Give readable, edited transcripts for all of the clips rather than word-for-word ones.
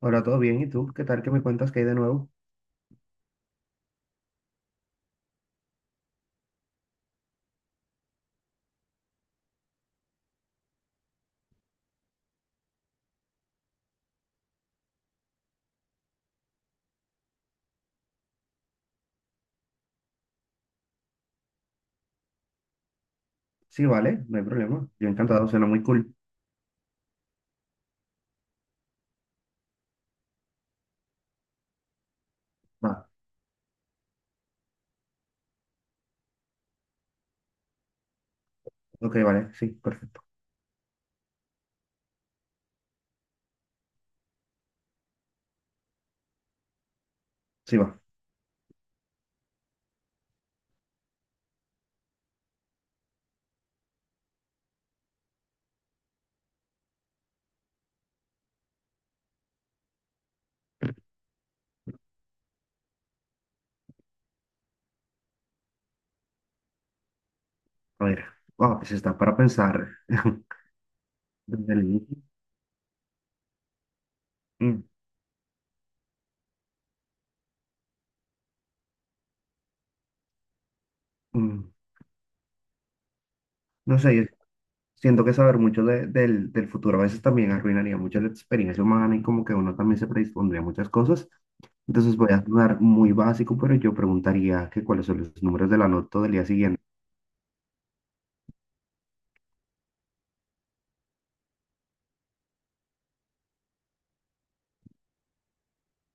Hola, ¿todo bien? ¿Y tú? ¿Qué tal? ¿Qué me cuentas que hay de nuevo? Sí, vale, no hay problema. Yo encantado, suena muy cool. Va, ok, vale, sí, perfecto. Sí, va. A ver, wow, pues está para pensar desde el inicio. Mm, mm, No sé, yo siento que saber mucho del futuro a veces también arruinaría mucho la experiencia humana y como que uno también se predispondría a muchas cosas. Entonces voy a sonar muy básico, pero yo preguntaría que cuáles son los números de la nota del día siguiente.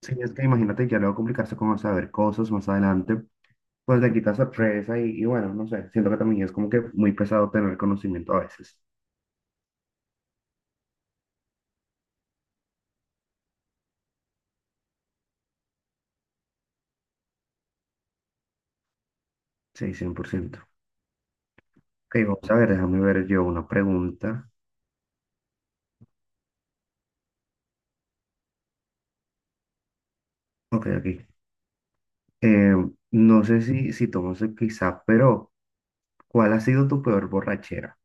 Sí, es que imagínate, ya luego complicarse con saber cosas más adelante. Pues le quita sorpresa y bueno, no sé, siento que también es como que muy pesado tener conocimiento a veces. Sí, 100%. Ok, vamos a ver, déjame ver yo una pregunta. Ok, aquí. No sé si tomas el quizá, pero ¿cuál ha sido tu peor borrachera?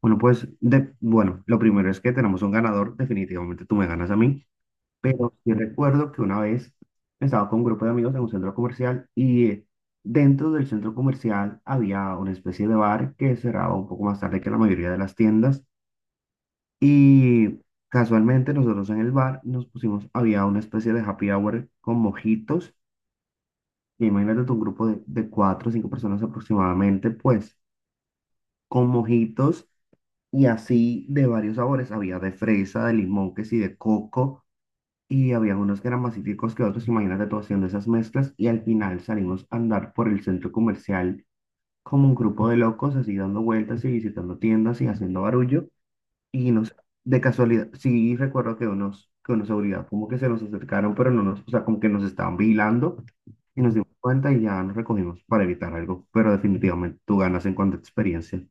Bueno, pues, de, bueno, lo primero es que tenemos un ganador, definitivamente tú me ganas a mí. Pero sí recuerdo que una vez estaba con un grupo de amigos en un centro comercial y dentro del centro comercial había una especie de bar que cerraba un poco más tarde que la mayoría de las tiendas y casualmente nosotros en el bar nos pusimos, había una especie de happy hour con mojitos y imagínate tú, un grupo de cuatro o cinco personas aproximadamente pues con mojitos y así de varios sabores, había de fresa, de limón, que sí, de coco. Y había unos que eran más cítricos que otros, imagínate tú haciendo esas mezclas y al final salimos a andar por el centro comercial como un grupo de locos, así dando vueltas y visitando tiendas y haciendo barullo y nos, de casualidad, sí recuerdo que unos seguridad como que se nos acercaron, pero no nos, o sea, como que nos estaban vigilando y nos dimos cuenta y ya nos recogimos para evitar algo, pero definitivamente tú ganas en cuanto a experiencia.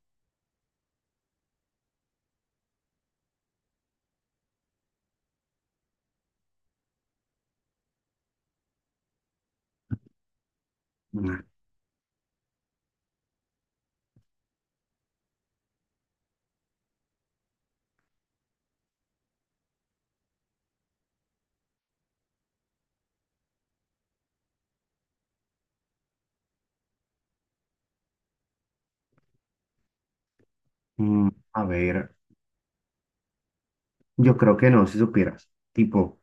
Mm, A ver, yo creo que no, si supieras, tipo,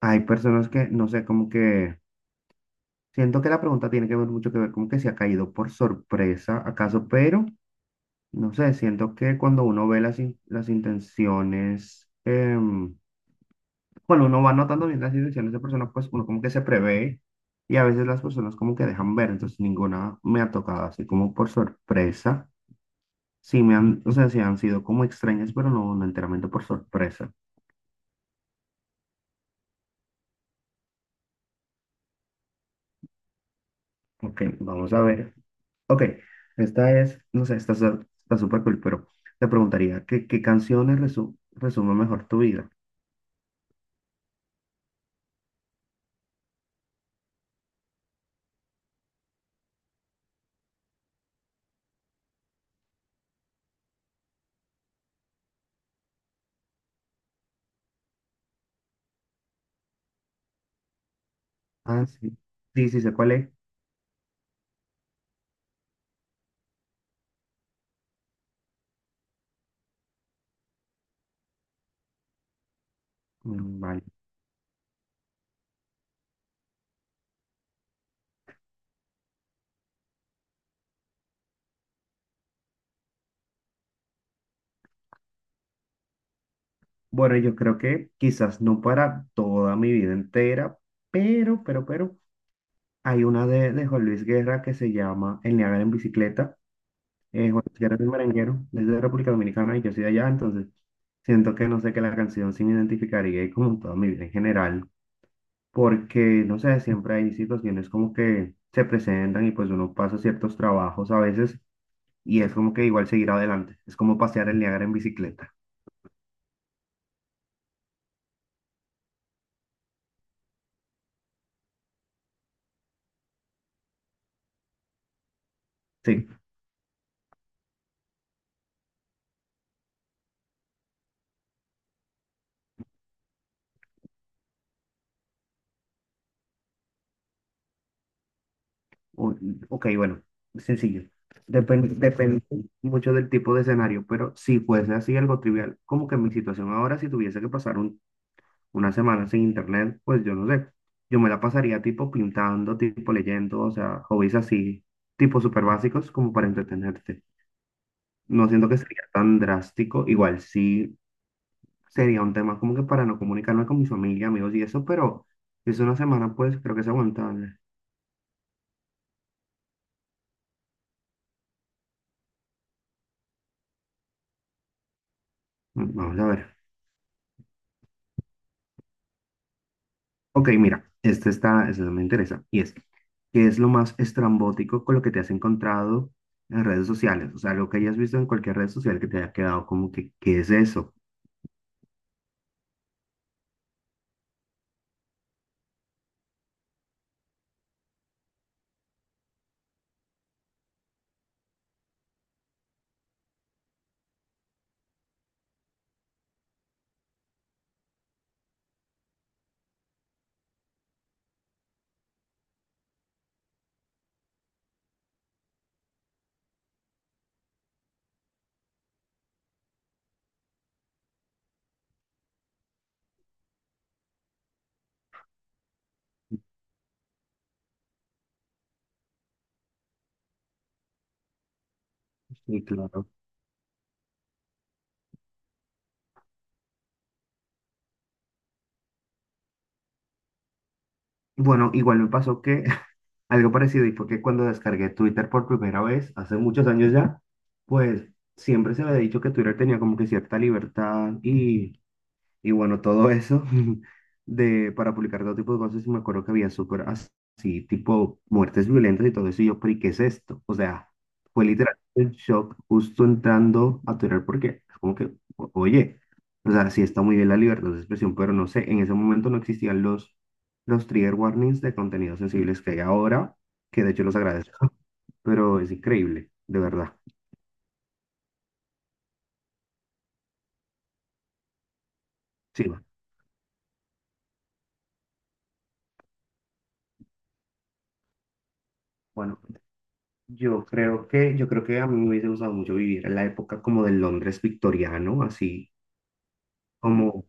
hay personas que, no sé, como que siento que la pregunta tiene que ver mucho que ver como que se ha caído por sorpresa, acaso, pero no sé, siento que cuando uno ve las, las intenciones, em, cuando uno va notando bien las intenciones de personas, pues uno como que se prevé y a veces las personas como que dejan ver, entonces ninguna me ha tocado así como por sorpresa. Sí me han, o sea, sí han sido como extrañas, pero no, no enteramente por sorpresa. Ok, vamos a ver. Ok, esta es, no sé, está súper cool, pero te preguntaría, ¿qué, qué canciones resumen mejor tu vida? Ah, sí. Sí, sí, sé cuál es. Mm, vale. Bueno, yo creo que quizás no para toda mi vida entera, pero, pero, hay una de Juan Luis Guerra que se llama El Niágara en bicicleta. Juan Luis Guerra es un merenguero, es de República Dominicana y yo soy de allá, entonces siento que no sé que la canción sí me identificaría y como toda mi vida en general. Porque, no sé, siempre hay situaciones como que se presentan y pues uno pasa ciertos trabajos a veces y es como que igual seguir adelante, es como pasear el Niágara en bicicleta. Sí, o- ok, bueno, sencillo. Depende mucho del tipo de escenario, pero si fuese así algo trivial, como que mi situación ahora, si tuviese que pasar una semana sin internet, pues yo no sé, yo me la pasaría tipo pintando, tipo leyendo, o sea, hobbies así, tipo súper básicos como para entretenerte. No siento que sería tan drástico. Igual sí sería un tema como que para no comunicarme con mi familia, amigos y eso, pero si es una semana, pues creo que es aguantable. Mm, vamos a ver. Ok, mira, este está, este me interesa. Y es, ¿qué es lo más estrambótico con lo que te has encontrado en redes sociales? O sea, lo que hayas visto en cualquier red social que te haya quedado como que, ¿qué es eso? Sí, claro. Bueno, igual me pasó que algo parecido, y fue que cuando descargué Twitter por primera vez, hace muchos años ya, pues siempre se me había dicho que Twitter tenía como que cierta libertad y bueno, todo eso de, para publicar todo tipo de cosas, y me acuerdo que había así, tipo muertes violentas y todo eso, y yo, pero ¿y qué es esto? O sea, fue literalmente el shock justo entrando a Twitter porque es como que, oye, o sea, sí está muy bien la libertad de expresión, pero no sé, en ese momento no existían los trigger warnings de contenidos sensibles que hay ahora, que de hecho los agradezco, pero es increíble, de verdad. Sí, va. Bueno. Yo creo que a mí me hubiese gustado mucho vivir en la época como del Londres victoriano, así como,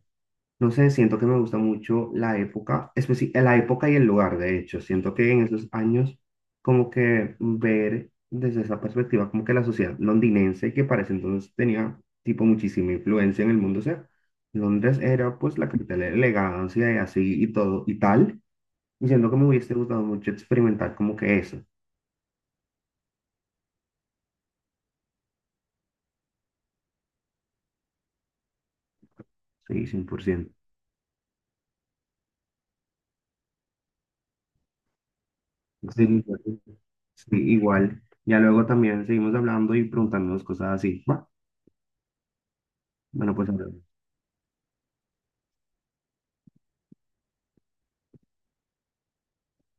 no sé, siento que me gusta mucho la época, la época y el lugar, de hecho, siento que en esos años como que ver desde esa perspectiva como que la sociedad londinense que para ese entonces tenía tipo muchísima influencia en el mundo, o sea, Londres era pues la capital de la elegancia y así y todo y tal, y siento que me hubiese gustado mucho experimentar como que eso, sí, cien por ciento. Sí, pues, sí, igual. Ya luego también seguimos hablando y preguntándonos cosas así. Bueno, pues ahora.